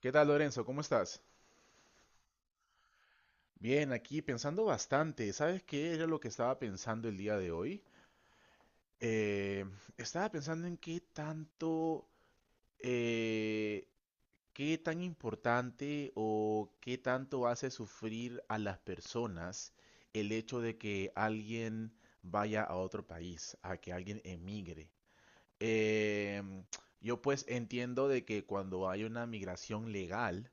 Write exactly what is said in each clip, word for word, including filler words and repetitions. ¿Qué tal, Lorenzo? ¿Cómo estás? Bien, aquí pensando bastante. ¿Sabes qué era lo que estaba pensando el día de hoy? Eh, Estaba pensando en qué tanto, eh, qué tan importante o qué tanto hace sufrir a las personas el hecho de que alguien vaya a otro país, a que alguien emigre. Eh, yo pues entiendo de que cuando hay una migración legal,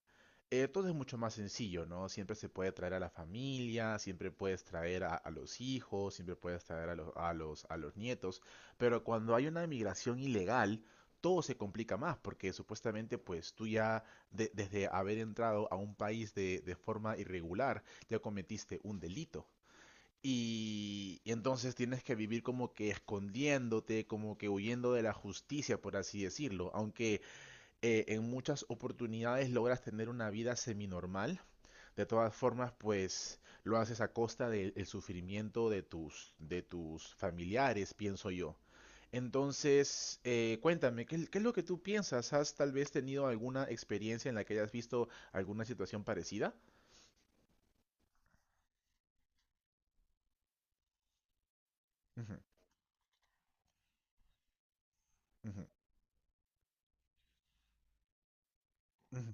eh, todo es mucho más sencillo, ¿no? Siempre se puede traer a la familia, siempre puedes traer a, a los hijos, siempre puedes traer a los, a los, a los nietos, pero cuando hay una migración ilegal, todo se complica más porque supuestamente pues tú ya de- desde haber entrado a un país de, de forma irregular ya cometiste un delito. Y, y entonces tienes que vivir como que escondiéndote, como que huyendo de la justicia, por así decirlo. Aunque eh, en muchas oportunidades logras tener una vida seminormal, de todas formas, pues lo haces a costa del el sufrimiento de tus, de tus familiares, pienso yo. Entonces, eh, cuéntame, ¿qué, qué es lo que tú piensas? ¿Has tal vez tenido alguna experiencia en la que hayas visto alguna situación parecida? Ujú, ujú, ujú.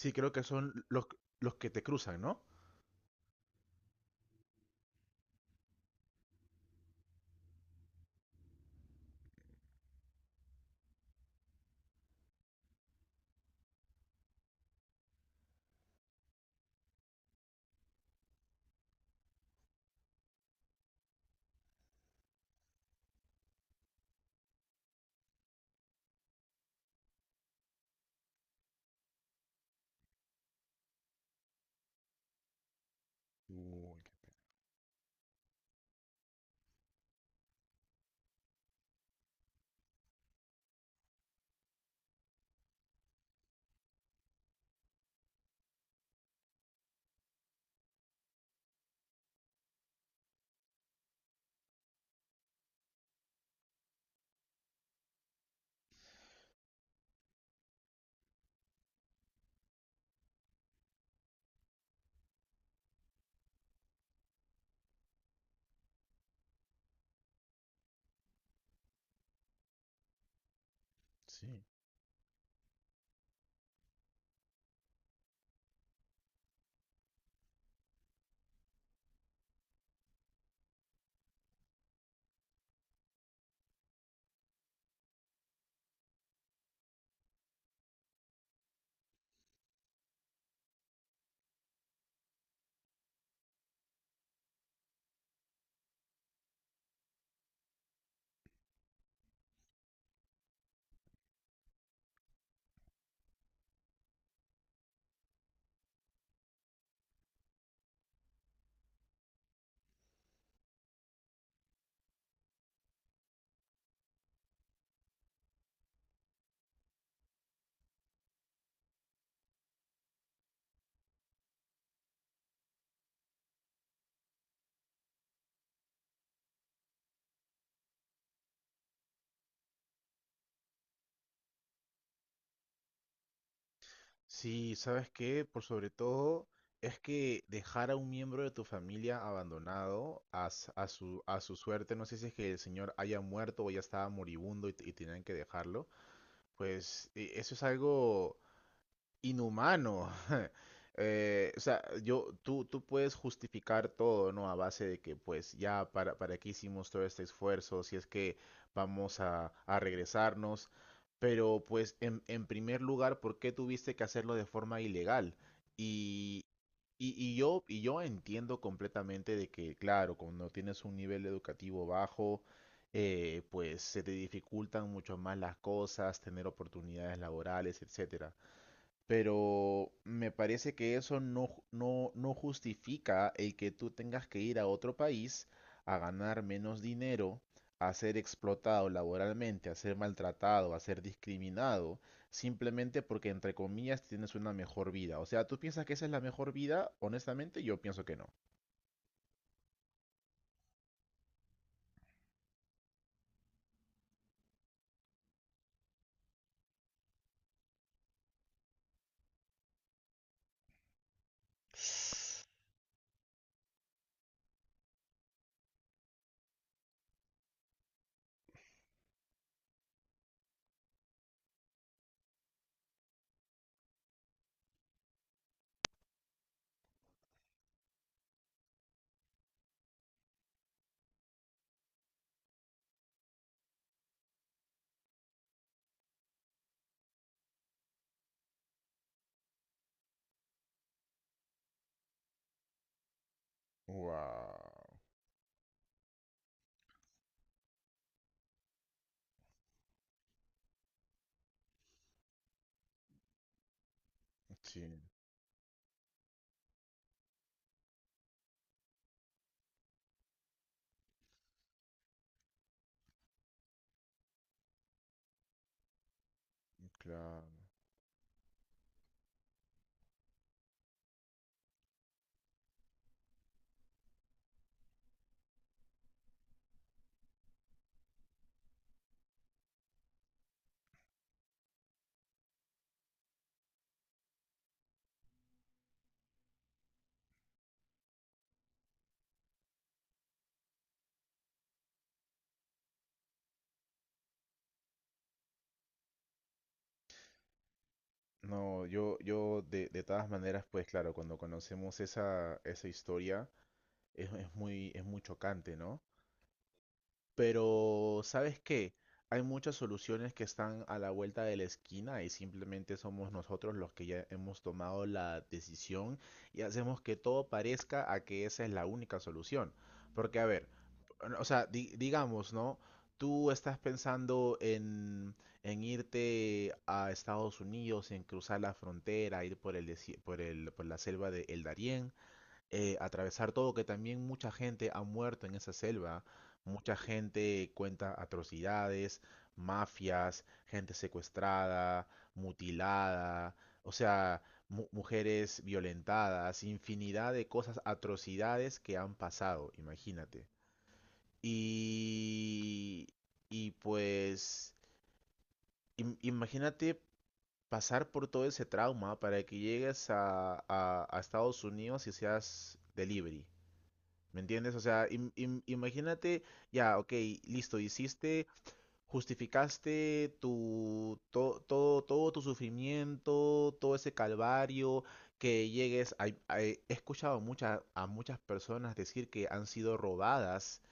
Sí, creo que son los, los que te cruzan, ¿no? Uy, sí. Sí, ¿sabes qué? Por sobre todo es que dejar a un miembro de tu familia abandonado a, s- a su, a su suerte, no sé si es que el señor haya muerto o ya estaba moribundo y, t- y tenían que dejarlo, pues e- eso es algo inhumano. Eh, o sea, yo, tú, tú puedes justificar todo, ¿no? A base de que, pues, ya, para, para qué hicimos todo este esfuerzo, si es que vamos a, a regresarnos. Pero, pues, en, en primer lugar, ¿por qué tuviste que hacerlo de forma ilegal? Y, y, y yo, y yo entiendo completamente de que, claro, cuando tienes un nivel educativo bajo, eh, pues se te dificultan mucho más las cosas, tener oportunidades laborales, etcétera. Pero me parece que eso no, ju- no, no justifica el que tú tengas que ir a otro país a ganar menos dinero, a ser explotado laboralmente, a ser maltratado, a ser discriminado, simplemente porque, entre comillas, tienes una mejor vida. O sea, ¿tú piensas que esa es la mejor vida? Honestamente, yo pienso que no. Wow, sí, claro. No, yo, yo de, de todas maneras, pues claro, cuando conocemos esa, esa historia, es, es muy, es muy chocante, ¿no? Pero, ¿sabes qué? Hay muchas soluciones que están a la vuelta de la esquina y simplemente somos nosotros los que ya hemos tomado la decisión y hacemos que todo parezca a que esa es la única solución. Porque, a ver, o sea, di- digamos, ¿no? Tú estás pensando en, en irte a Estados Unidos, en cruzar la frontera, ir por el, desi- por el, por la selva de El Darién, eh, atravesar todo, que también mucha gente ha muerto en esa selva, mucha gente cuenta atrocidades, mafias, gente secuestrada, mutilada, o sea, mu- mujeres violentadas, infinidad de cosas, atrocidades que han pasado, imagínate. Y, y pues, im- imagínate pasar por todo ese trauma para que llegues a, a a Estados Unidos y seas delivery. ¿Me entiendes? O sea, im- im- imagínate, ya, ok, listo, hiciste, justificaste tu, to- todo, todo tu sufrimiento, todo ese calvario, que llegues a, a- he escuchado mucha- a muchas personas decir que han sido robadas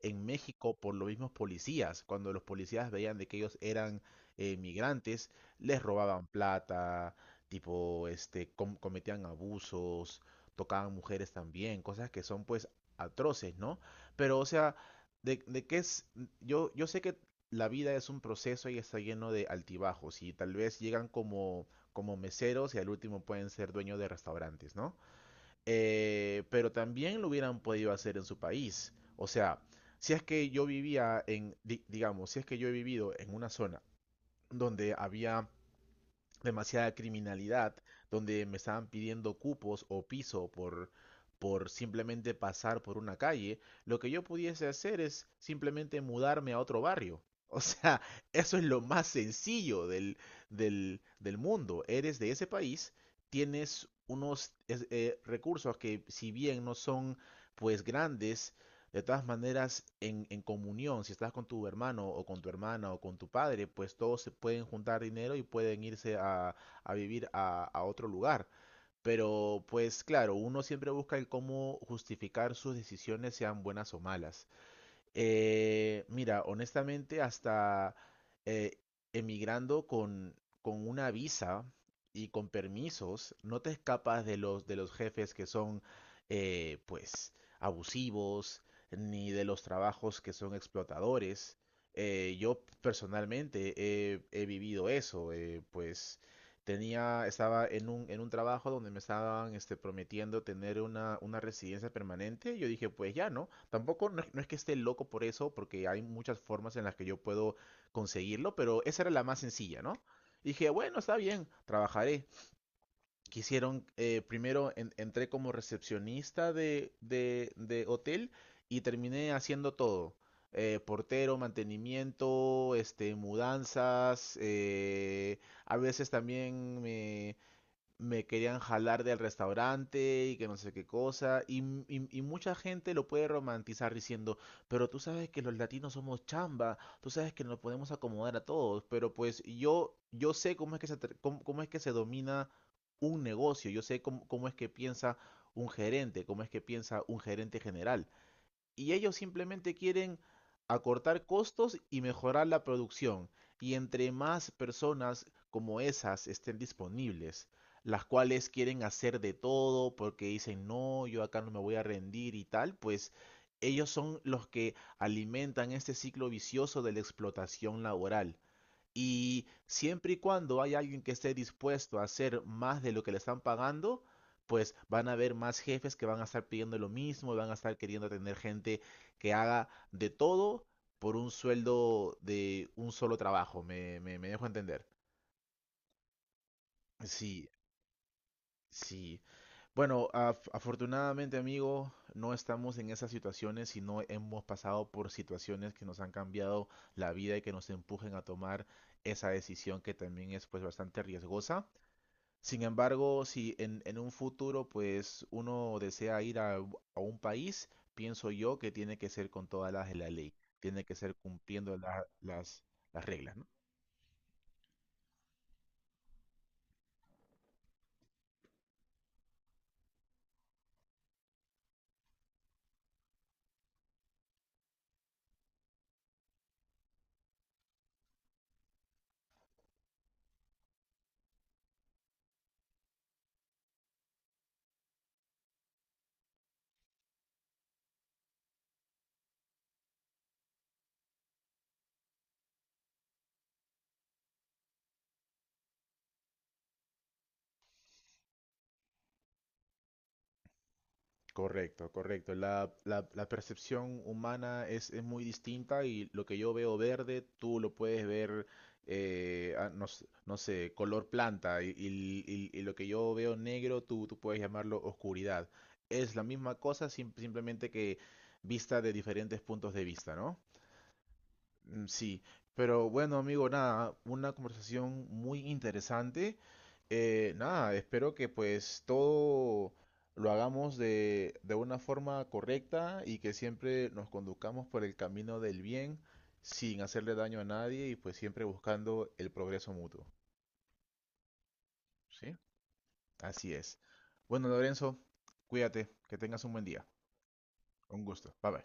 en México por los mismos policías. Cuando los policías veían de que ellos eran eh, migrantes, les robaban plata, tipo, este, com- cometían abusos, tocaban mujeres también, cosas que son pues atroces, ¿no? Pero, o sea, de, de qué es, yo, yo sé que la vida es un proceso y está lleno de altibajos y tal vez llegan como, como meseros y al último pueden ser dueños de restaurantes, ¿no? Eh, pero también lo hubieran podido hacer en su país. O sea, si es que yo vivía en, di- digamos, si es que yo he vivido en una zona donde había demasiada criminalidad, donde me estaban pidiendo cupos o piso por, por simplemente pasar por una calle, lo que yo pudiese hacer es simplemente mudarme a otro barrio. O sea, eso es lo más sencillo del, del, del mundo. Eres de ese país, tienes unos es- eh, recursos que si bien no son pues grandes, de todas maneras, en, en comunión, si estás con tu hermano o con tu hermana o con tu padre, pues todos se pueden juntar dinero y pueden irse a, a vivir a, a otro lugar. Pero pues claro, uno siempre busca el cómo justificar sus decisiones, sean buenas o malas. Eh, mira, honestamente, hasta eh, emigrando con, con una visa y con permisos, no te escapas de los, de los jefes que son, eh, pues, abusivos, ni de los trabajos que son explotadores. Eh, yo personalmente he, he vivido eso, eh, pues tenía, estaba en un, en un trabajo donde me estaban este, prometiendo tener una, una residencia permanente. Yo dije, pues ya, ¿no? Tampoco no, no es que esté loco por eso, porque hay muchas formas en las que yo puedo conseguirlo, pero esa era la más sencilla, ¿no? Dije, bueno, está bien, trabajaré quisieron, eh, primero en- entré como recepcionista de, de, de hotel y terminé haciendo todo. Eh, portero, mantenimiento, este, mudanzas, eh, a veces también me, me querían jalar del restaurante y que no sé qué cosa. Y, y- y mucha gente lo puede romantizar diciendo, pero tú sabes que los latinos somos chamba, tú sabes que nos podemos acomodar a todos, pero pues yo, yo sé cómo es que se, tra- cómo, cómo es que se domina un negocio, yo sé cómo, cómo es que piensa un gerente, cómo es que piensa un gerente general y ellos simplemente quieren acortar costos y mejorar la producción. Y entre más personas como esas estén disponibles, las cuales quieren hacer de todo porque dicen, no, yo acá no me voy a rendir y tal, pues ellos son los que alimentan este ciclo vicioso de la explotación laboral. Y siempre y cuando hay alguien que esté dispuesto a hacer más de lo que le están pagando, pues van a haber más jefes que van a estar pidiendo lo mismo y van a estar queriendo tener gente que haga de todo por un sueldo de un solo trabajo. Me, me, me dejo entender. Sí, sí. Bueno, af- afortunadamente, amigo, no estamos en esas situaciones, sino hemos pasado por situaciones que nos han cambiado la vida y que nos empujen a tomar esa decisión que también es pues bastante riesgosa. Sin embargo, si en, en un futuro pues uno desea ir a, u- a un país, pienso yo que tiene que ser con todas las de la ley, tiene que ser cumpliendo la- las, las reglas, ¿no? Correcto, correcto. La, la- la percepción humana es, es muy distinta y lo que yo veo verde, tú lo puedes ver, eh, ah, no, sé, no sé, color planta y, y- y- y lo que yo veo negro, tú, tú puedes llamarlo oscuridad. Es la misma cosa, sim- simplemente que vista de diferentes puntos de vista, ¿no? Mm, sí, pero bueno, amigo, nada, una conversación muy interesante. Eh, nada, espero que pues todo lo hagamos de, de una forma correcta y que siempre nos conduzcamos por el camino del bien sin hacerle daño a nadie y pues siempre buscando el progreso mutuo, ¿sí? Así es. Bueno, Lorenzo, cuídate, que tengas un buen día. Un gusto. Bye bye.